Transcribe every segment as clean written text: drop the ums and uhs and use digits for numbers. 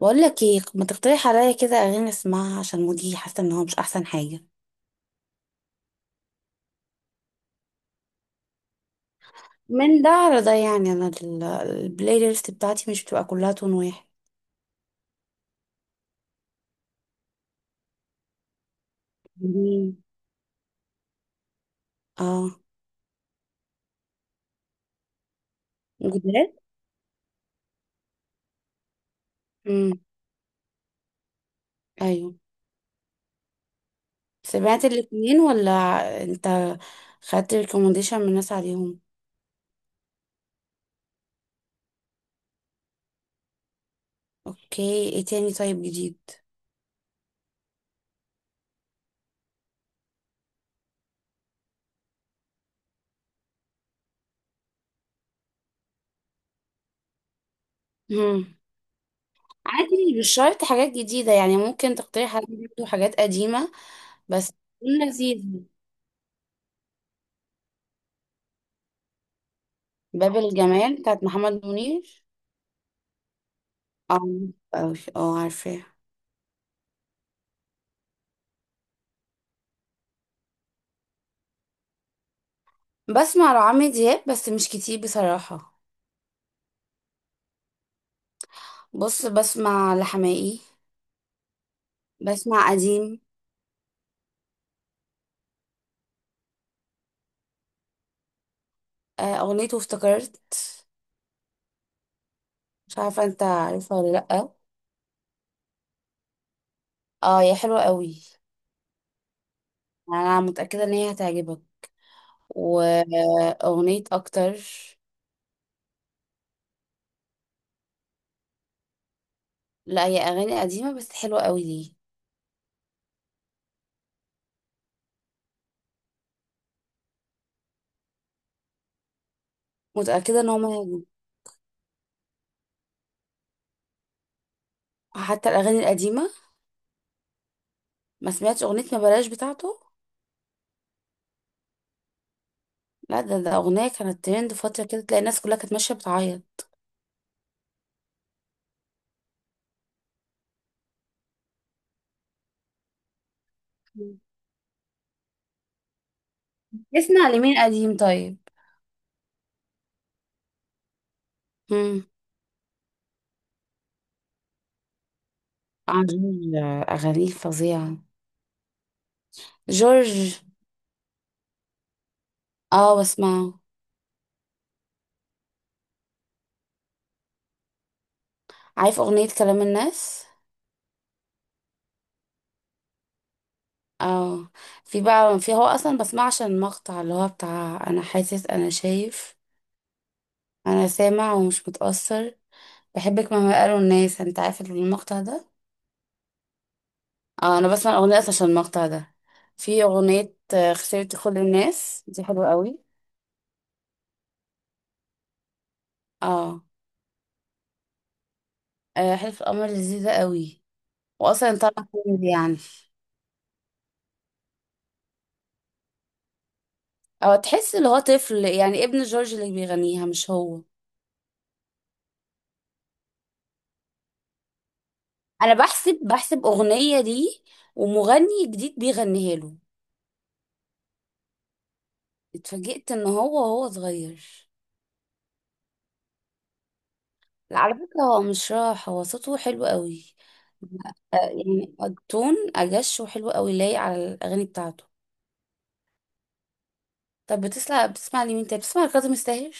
بقول لك ايه ما تقترح عليا كده اغاني اسمعها عشان مودي حاسه ان هو مش احسن حاجه من ده على ده. يعني انا البلاي ليست بتاعتي مش بتبقى كلها تون واحد. مم. اه، جداد. امم. ايوه، سمعت الاتنين ولا انت خدت ريكومنديشن من الناس عليهم؟ اوكي، ايه تاني طيب جديد؟ امم. عادي، مش شرط حاجات جديده يعني، ممكن تقترح عليا برضه حاجات قديمه بس تكون لذيذه. باب الجمال بتاعت محمد منير. اه أوي. اه، عارفاه. بسمع لعمرو دياب بس مش كتير بصراحة. بص، بسمع لحماقي. بسمع قديم. أغنيته افتكرت، مش عارفة انت عارفها ولا لأ. اه، هي حلوة قوي. أنا متأكدة إن هي هتعجبك. وأغنية أكتر. لا، هي أغاني قديمة بس حلوة قوي ليه. متأكدة إن هما هيعجبوك. حتى الأغاني القديمة، ما سمعتش أغنية ما بلاش بتاعته؟ لا، ده أغنية كانت ترند فترة كده، تلاقي الناس كلها كانت ماشية بتعيط. نسمع لمين قديم طيب؟ مم. عجيب، أغانيه فظيعة. جورج. اه بسمعه. عارف أغنية كلام الناس؟ اه. في هو أصلا بسمعه عشان المقطع اللي هو بتاع أنا حاسس، أنا شايف، أنا سامع ومش متأثر، بحبك مهما قالوا الناس. أنت عارف المقطع ده. اه، أنا بسمع الأغنية أصلا عشان المقطع ده. في أغنية خسرت كل الناس، دي حلوة قوي. اه، حلف القمر لذيذة قوي. وأصلا طلع كوميدي يعني. اه، تحس اللي هو طفل يعني، ابن جورج اللي بيغنيها مش هو. انا بحسب اغنية دي، ومغني جديد بيغنيها له. اتفاجئت ان هو صغير. لا، على فكرة هو مش راح، هو صوته حلو قوي. يعني التون اجش وحلو قوي، لايق على الاغاني بتاعته. طب بتسمع لمين تاني؟ بتسمع لكاظم الساهر؟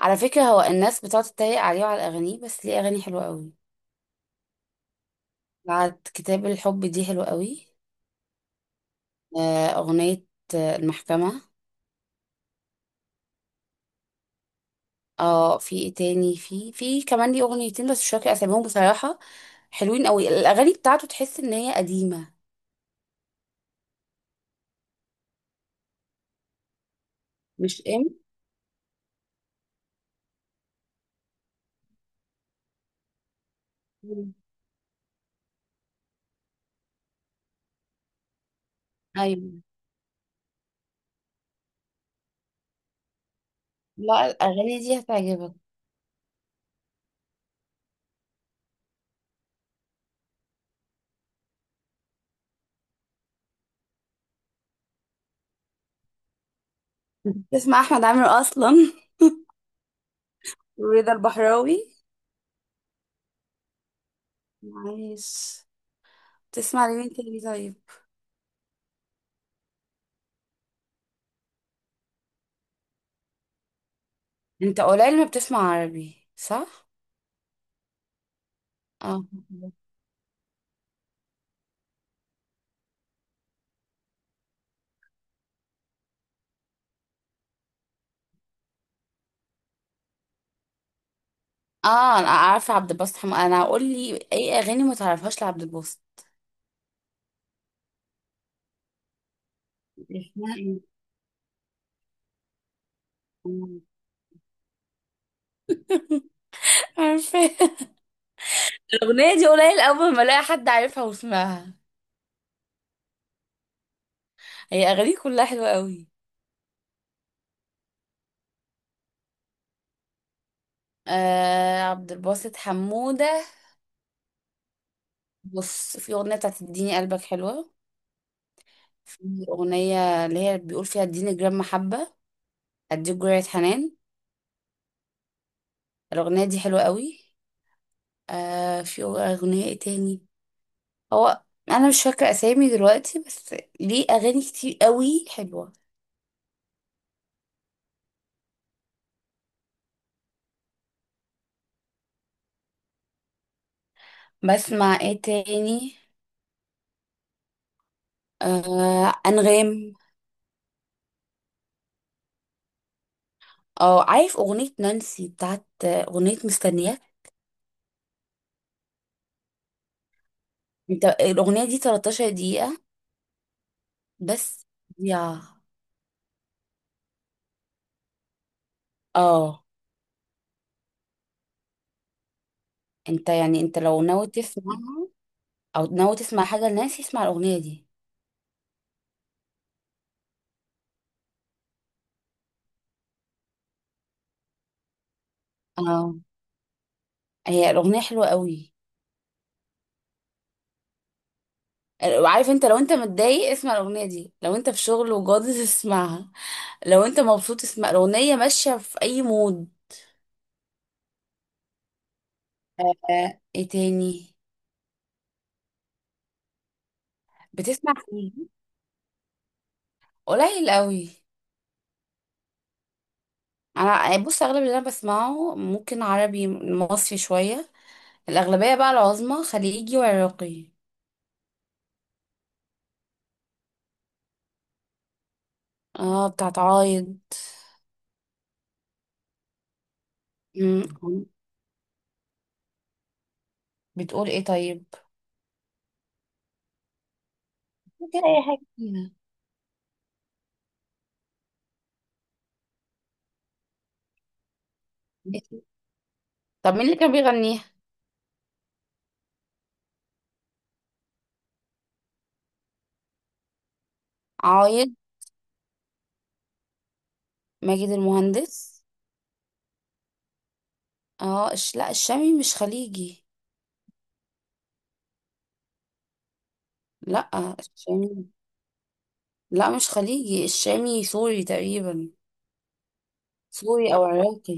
على فكرة، هو الناس بتقعد تتريق عليه وعلى اغانيه بس ليه اغاني حلوة قوي. بعد كتاب الحب دي حلوة قوي. اغنية المحكمة. اه، في ايه تاني؟ في كمان ليه اغنيتين بس مش فاكره اساميهم بصراحه. حلوين قوي الاغاني بتاعته، تحس ان هي قديمه. مش مم. ايوه. لا، الاغاني دي هتعجبك. تسمع احمد عامر اصلا؟ ورضا البحراوي. معلش. تسمع لمين تاني طيب؟ انت قليل ما بتسمع عربي، صح؟ اه. اه، انا عارفه عبد الباسط انا اقول لي اي اغاني ما تعرفهاش لعبد الباسط. اسمها ايه؟ عارفه. الأغنية دي قليل أول ما ألاقي حد عارفها وسمعها. هي أغانيه كلها حلوة قوي. آه، عبد الباسط حمودة. بص، في أغنية بتاعت اديني قلبك حلوة. في أغنية اللي هي بيقول فيها اديني جرام محبة، اديك جرعة حنان. الأغنية دي حلوة قوي. في أغنية ايه تاني؟ هو، أنا مش فاكرة أسامي دلوقتي، بس ليه أغاني كتير قوي حلوة. بسمع ايه تاني؟ أنغام. اه، عارف أغنية نانسي بتاعت، أغنية مستنياك؟ انت الاغنيه دي 13 دقيقه. بس يا اه انت يعني، انت لو ناوي تسمعها او ناوي تسمع حاجه لناس، اسمع الاغنيه دي. اه، هي الاغنيه حلوه قوي. وعارف، انت لو انت متضايق اسمع الاغنيه دي، لو انت في شغل وجاضي اسمعها، لو انت مبسوط اسمع الاغنيه، ماشيه في اي مود. ايه تاني؟ بتسمع خليجي؟ قليل قوي. انا يعني بص، اغلب اللي انا بسمعه ممكن عربي مصري شويه، الاغلبيه بقى العظمى خليجي وعراقي. اه، بتاعت عايض. مم. بتقول ايه طيب؟ ممكن اي حاجة فيها. إيه؟ طب مين اللي كان بيغنيها؟ عايض؟ ماجد المهندس؟ اه، لا، الشامي مش خليجي. لا الشامي. لا، مش خليجي، الشامي سوري تقريبا. سوري او عراقي.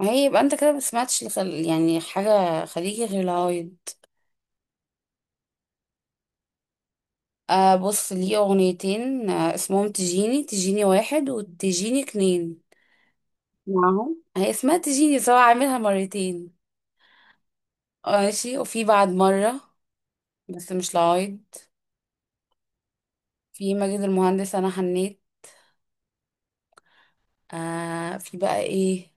ما هي يبقى انت كده ما سمعتش يعني حاجه خليجي غير العايض. بص ليه اغنيتين. اسمهم تجيني تجيني واحد وتجيني اتنين، معاهم. هي اسمها تجيني سواء، عاملها مرتين. ماشي وفي بعد مرة بس مش لعايض. في ماجد المهندس أنا حنيت. في بقى إيه؟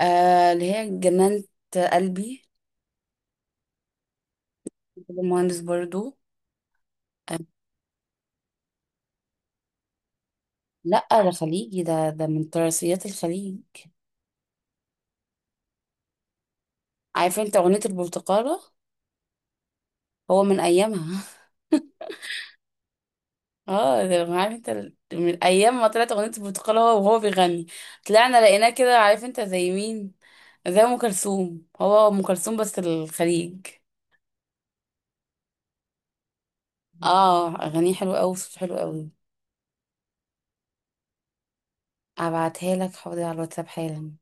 اللي هي جنانة قلبي، ماجد المهندس برضو. آه لأ، ده خليجي، ده من تراثيات الخليج. عارفة انت أغنية البرتقالة؟ هو من أيامها. اه، ده عارف انت من أيام ما طلعت أغنية البرتقالة هو وهو بيغني، طلعنا لقيناه كده. عارف انت زي مين؟ زي أم كلثوم، هو أم كلثوم بس الخليج. اه، اغانيه حلوه قوي، صوته حلو قوي. ابعتها لك حاضر على الواتساب حالا.